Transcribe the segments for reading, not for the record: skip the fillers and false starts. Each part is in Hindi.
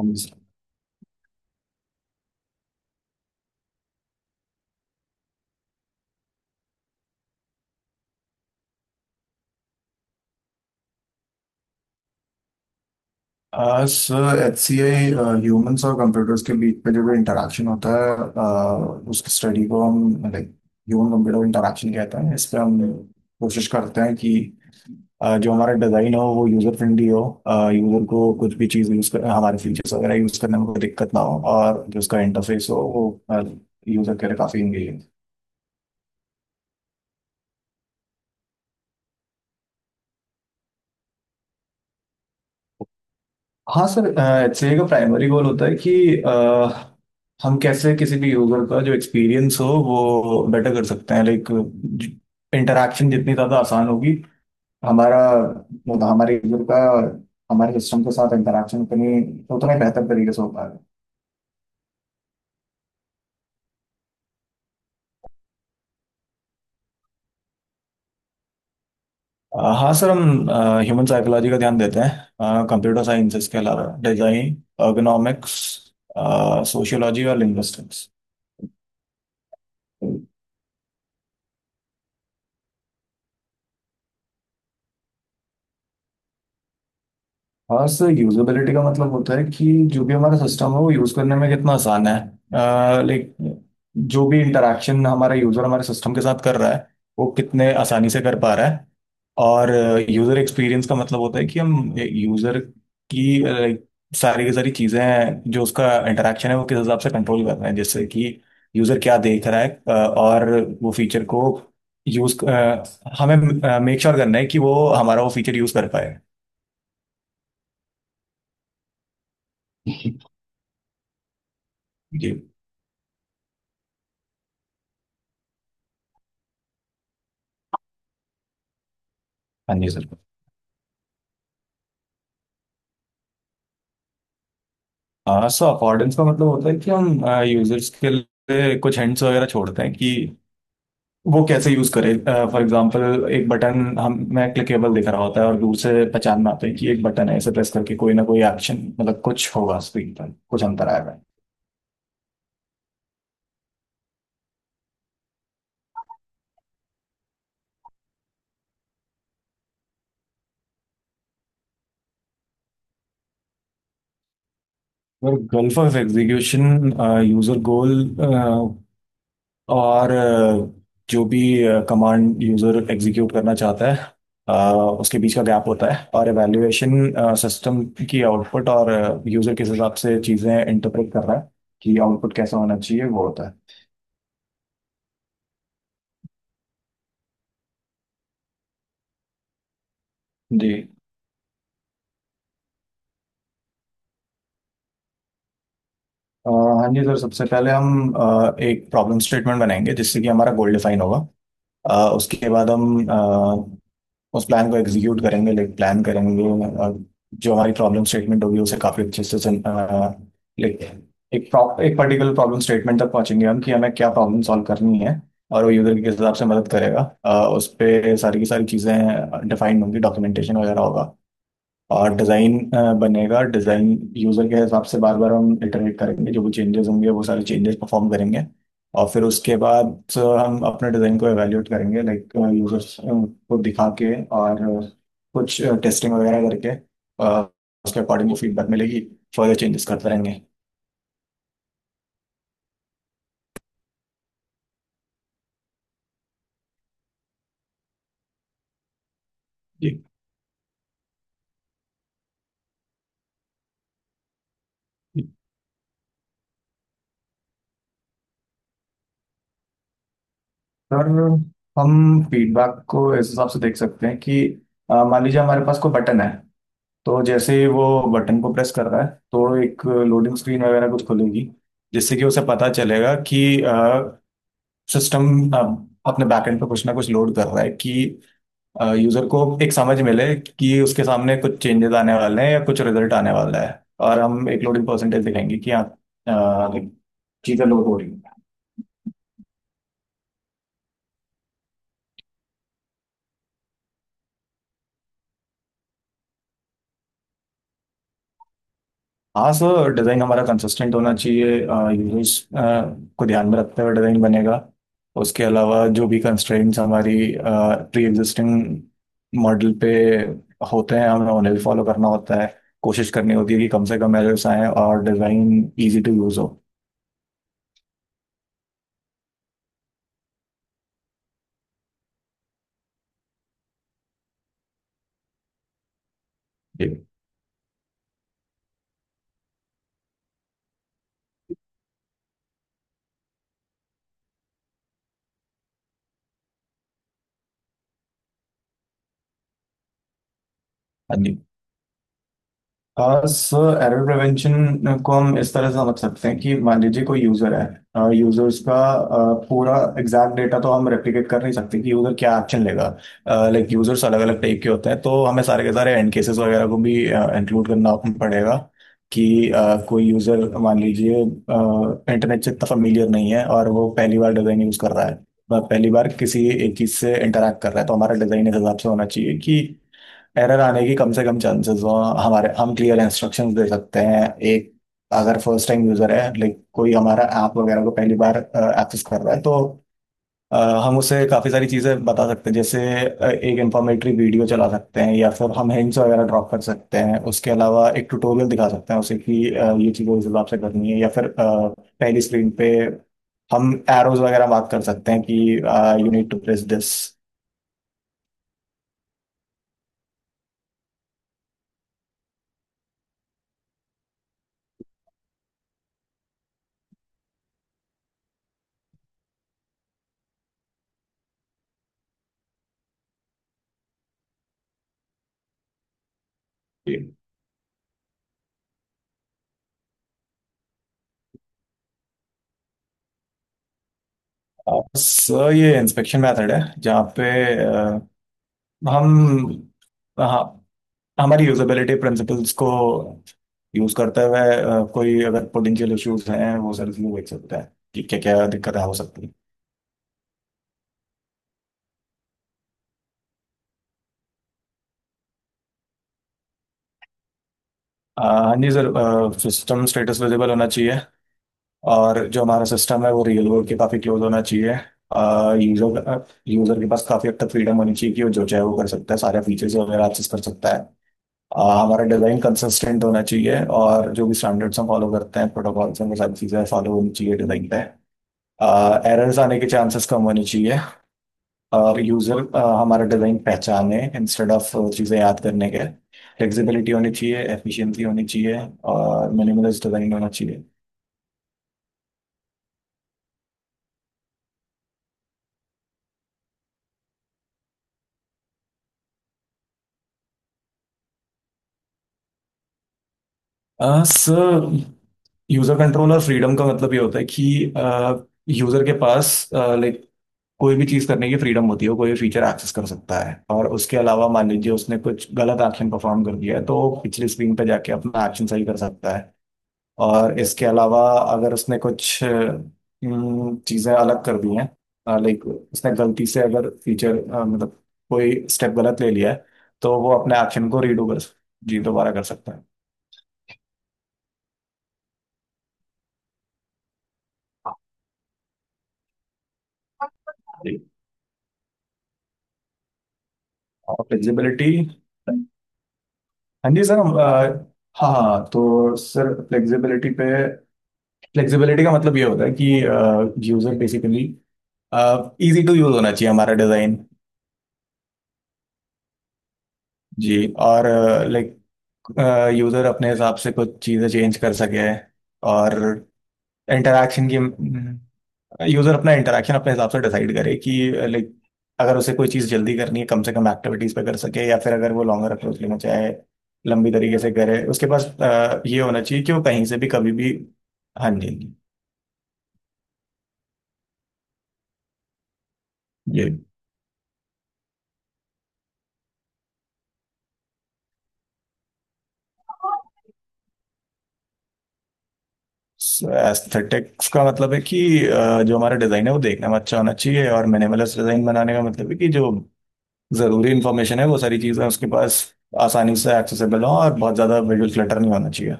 हम इस- sir H C I humans और कंप्यूटर्स के बीच पे जो भी इंटरेक्शन होता है उस स्टडी को हम लाइक ह्यूमन कंप्यूटर इंटरेक्शन कहते हैं। इस पे हम कोशिश करते हैं कि जो हमारा डिज़ाइन हो वो यूज़र फ्रेंडली हो, यूज़र को कुछ भी चीज़ यूज़ कर हमारे फीचर्स वगैरह यूज़ करने में कोई दिक्कत ना हो और जो उसका इंटरफेस हो वो यूज़र के लिए काफ़ी इंगेजिंग। हाँ सर, एचसीए का प्राइमरी गोल होता है कि अ, हम कैसे किसी भी यूजर का जो एक्सपीरियंस हो वो बेटर कर सकते हैं। लाइक इंटरेक्शन जितनी ज़्यादा आसान होगी, हमारा मतलब हमारे यूजर का हमारे सिस्टम के साथ इंटरेक्शन उतनी उतना ही बेहतर तरीके से हो पाएगा। हाँ सर, हम ह्यूमन साइकोलॉजी का ध्यान देते हैं, कंप्यूटर साइंसेस के अलावा डिजाइन, ergonomics, सोशियोलॉजी और लिंग्विस्टिक्स। हाँ सर, यूजेबिलिटी का मतलब होता है कि जो भी हमारा सिस्टम है वो यूज़ करने में कितना आसान है। लाइक जो भी इंटरेक्शन हमारा यूज़र हमारे सिस्टम के साथ कर रहा है वो कितने आसानी से कर पा रहा है। और यूज़र एक्सपीरियंस का मतलब होता है कि हम यूज़र की, लाइक, सारी की सारी चीज़ें जो उसका इंटरेक्शन है वो किस हिसाब से कंट्रोल कर रहे हैं। जैसे कि यूज़र क्या देख रहा है और वो फीचर को यूज़, हमें मेक श्योर करना है कि वो हमारा वो फीचर यूज़ कर पाए। जी। हाँ जी सर, हाँ सो अकॉर्डेंस का मतलब होता है कि हम यूजर्स के लिए कुछ हिंट्स वगैरह छोड़ते हैं कि वो कैसे यूज करे। फॉर एग्जांपल एक बटन हम मैं क्लिकेबल दिख रहा होता है और दूर से पहचान में आता है कि एक बटन है, इसे प्रेस करके कोई ना कोई एक्शन मतलब कुछ होगा, स्क्रीन पर कुछ अंतर आएगा। और gulf of execution, user goal और जो भी कमांड यूजर एग्जीक्यूट करना चाहता है अ, उसके बीच का गैप होता है। और एवेल्यूएशन, सिस्टम की आउटपुट और यूजर किस हिसाब से चीज़ें इंटरप्रेट कर रहा है कि आउटपुट कैसा होना चाहिए, वो होता है। जी। हाँ जी सर, सबसे पहले हम एक प्रॉब्लम स्टेटमेंट बनाएंगे जिससे कि हमारा गोल डिफाइन होगा। उसके बाद हम उस प्लान को एग्जीक्यूट करेंगे, लाइक प्लान करेंगे और जो हमारी प्रॉब्लम स्टेटमेंट होगी उसे काफ़ी अच्छे से, लाइक, एक पर्टिकुलर प्रॉब्लम स्टेटमेंट तक पहुंचेंगे हम कि हमें क्या प्रॉब्लम सॉल्व करनी है और वो यूज़र के हिसाब से मदद करेगा। उस पर सारी की सारी चीज़ें डिफाइंड होंगी, डॉक्यूमेंटेशन वगैरह होगा और डिज़ाइन बनेगा। डिज़ाइन यूज़र के हिसाब से बार बार हम इटरेट करेंगे, जो भी चेंजेस होंगे वो सारे चेंजेस परफॉर्म करेंगे। और फिर उसके बाद अ, हम अपने डिज़ाइन को एवेल्यूएट करेंगे, लाइक यूज़र्स को दिखा के और कुछ टेस्टिंग वगैरह करके अ, उसके अकॉर्डिंग फीडबैक मिलेगी, फर्दर चेंजेस करते रहेंगे। जी सर, हम फीडबैक को इस हिसाब से देख सकते हैं कि मान लीजिए हमारे पास कोई बटन है, तो जैसे ही वो बटन को प्रेस कर रहा है तो एक लोडिंग स्क्रीन वगैरह कुछ खुलेगी जिससे कि उसे पता चलेगा कि सिस्टम अपने बैकएंड पे कुछ ना कुछ लोड कर रहा है, कि यूजर को एक समझ मिले कि उसके सामने कुछ चेंजेस आने वाले हैं या कुछ रिजल्ट आने वाला है। और हम एक लोडिंग परसेंटेज दिखाएंगे कि हाँ अ, चीजें लोड हो रही हैं। हाँ सर, डिज़ाइन हमारा कंसिस्टेंट होना चाहिए, यूजर्स को ध्यान में रखते हुए डिज़ाइन बनेगा। उसके अलावा जो भी कंस्ट्रेंट्स हमारी प्री एग्जिस्टिंग मॉडल पे होते हैं हमें उन्हें भी फॉलो करना होता है। कोशिश करनी होती है कि कम से कम एरर्स आएँ और डिज़ाइन इजी टू यूज़ हो। जी। हाँ जी। हाँ सर, एरर प्रिवेंशन को हम इस तरह से समझ सकते हैं कि मान लीजिए कोई यूजर है, यूजर्स का पूरा एग्जैक्ट डेटा तो हम रेप्लिकेट कर नहीं सकते कि यूजर क्या एक्शन लेगा। लाइक यूजर्स अलग अलग टाइप के होते हैं, तो हमें सारे के सारे एंड केसेस वगैरह को भी इंक्लूड करना पड़ेगा कि कोई यूजर मान लीजिए इंटरनेट से इतना फेमिलियर नहीं है और वो पहली बार डिजाइन यूज कर रहा है, वह पहली बार किसी एक चीज से इंटरेक्ट कर रहा है, तो हमारा डिजाइन इस हिसाब से होना चाहिए कि एरर आने की कम से कम चांसेस हो। हमारे हम क्लियर इंस्ट्रक्शंस दे सकते हैं। एक, अगर फर्स्ट टाइम यूजर है, लाइक कोई हमारा ऐप वगैरह को पहली बार एक्सेस कर रहा है, तो अ, हम उसे काफ़ी सारी चीज़ें बता सकते हैं। जैसे एक इंफॉर्मेटरी वीडियो चला सकते हैं या फिर हम हिंट्स वगैरह ड्रॉप कर सकते हैं, उसके अलावा एक ट्यूटोरियल दिखा सकते हैं उसे कि ये चीज़ें इस हिसाब से करनी है, या फिर पहली स्क्रीन पे हम एरोज वगैरह मार्क कर सकते हैं कि you need to press this. बस, ये इंस्पेक्शन मेथड है जहाँ पे अ, हम, हाँ, हमारी यूजेबिलिटी प्रिंसिपल्स को यूज करते हुए कोई अगर पोटेंशियल इश्यूज हैं वो सर व्यू देख सकता है कि क्या क्या दिक्कतें हो सकती हैं। हाँ जी सर, सिस्टम स्टेटस विजिबल होना चाहिए। और जो हमारा सिस्टम है वो रियल वर्ल्ड के काफ़ी क्लोज होना चाहिए। यूजर यूजर के पास काफ़ी हद तक फ्रीडम होनी चाहिए कि वो जो चाहे वो कर सकता है, सारे फीचर्स वगैरह एक्सेस कर सकता है। हमारा डिजाइन कंसिस्टेंट होना चाहिए और जो भी स्टैंडर्ड्स हम फॉलो करते हैं प्रोटोकॉल्स हैं वो सारी चीजें फॉलो होनी चाहिए डिजाइन पे। एरर्स आने के चांसेस कम होने चाहिए। और यूजर हमारा डिजाइन पहचाने इंस्टेड ऑफ चीजें याद करने के। फ्लेक्सिबिलिटी होनी चाहिए, एफिशिएंसी होनी चाहिए और मिनिमलिस्ट डिजाइन होना चाहिए। सर, यूजर कंट्रोल और फ्रीडम का मतलब ये होता है कि यूजर के पास, लाइक, कोई भी चीज करने की फ्रीडम होती है, वो कोई भी फीचर एक्सेस कर सकता है। और उसके अलावा मान लीजिए उसने कुछ गलत एक्शन परफॉर्म कर दिया है तो वो पिछली स्क्रीन पे जाके अपना एक्शन सही कर सकता है। और इसके अलावा अगर उसने कुछ चीजें अलग कर दी हैं, लाइक उसने गलती से अगर फीचर, मतलब कोई स्टेप गलत ले लिया है, तो वो अपने एक्शन को रीडू कर, जी, दोबारा कर सकता है। जी। और फ्लेक्सिबिलिटी। हाँ जी सर हम, अ, हाँ हाँ, तो सर फ्लेक्सिबिलिटी पे, फ्लेक्सिबिलिटी का मतलब ये होता है कि user basically easy to use होना चाहिए हमारा डिजाइन। जी। और, लाइक, यूजर अपने हिसाब से कुछ चीजें चेंज कर सके। और इंटरेक्शन की, यूजर अपना इंटरेक्शन अपने हिसाब से डिसाइड करे कि, लाइक, अगर उसे कोई चीज जल्दी करनी है कम से कम एक्टिविटीज पे कर सके, या फिर अगर वो लॉन्गर अप्रोच लेना चाहे लंबी तरीके से करे, उसके पास ये होना चाहिए कि वो कहीं से भी कभी भी। हाँ जी। जी, एस्थेटिक्स का मतलब है कि जो हमारा डिजाइन है वो देखने में अच्छा होना चाहिए। और मिनिमलिस्ट डिजाइन बनाने का मतलब है कि जो जरूरी इंफॉर्मेशन है वो सारी चीजें उसके पास आसानी से एक्सेसिबल हो और बहुत ज्यादा विजुअल क्लटर नहीं होना चाहिए।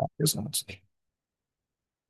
Thank you so much.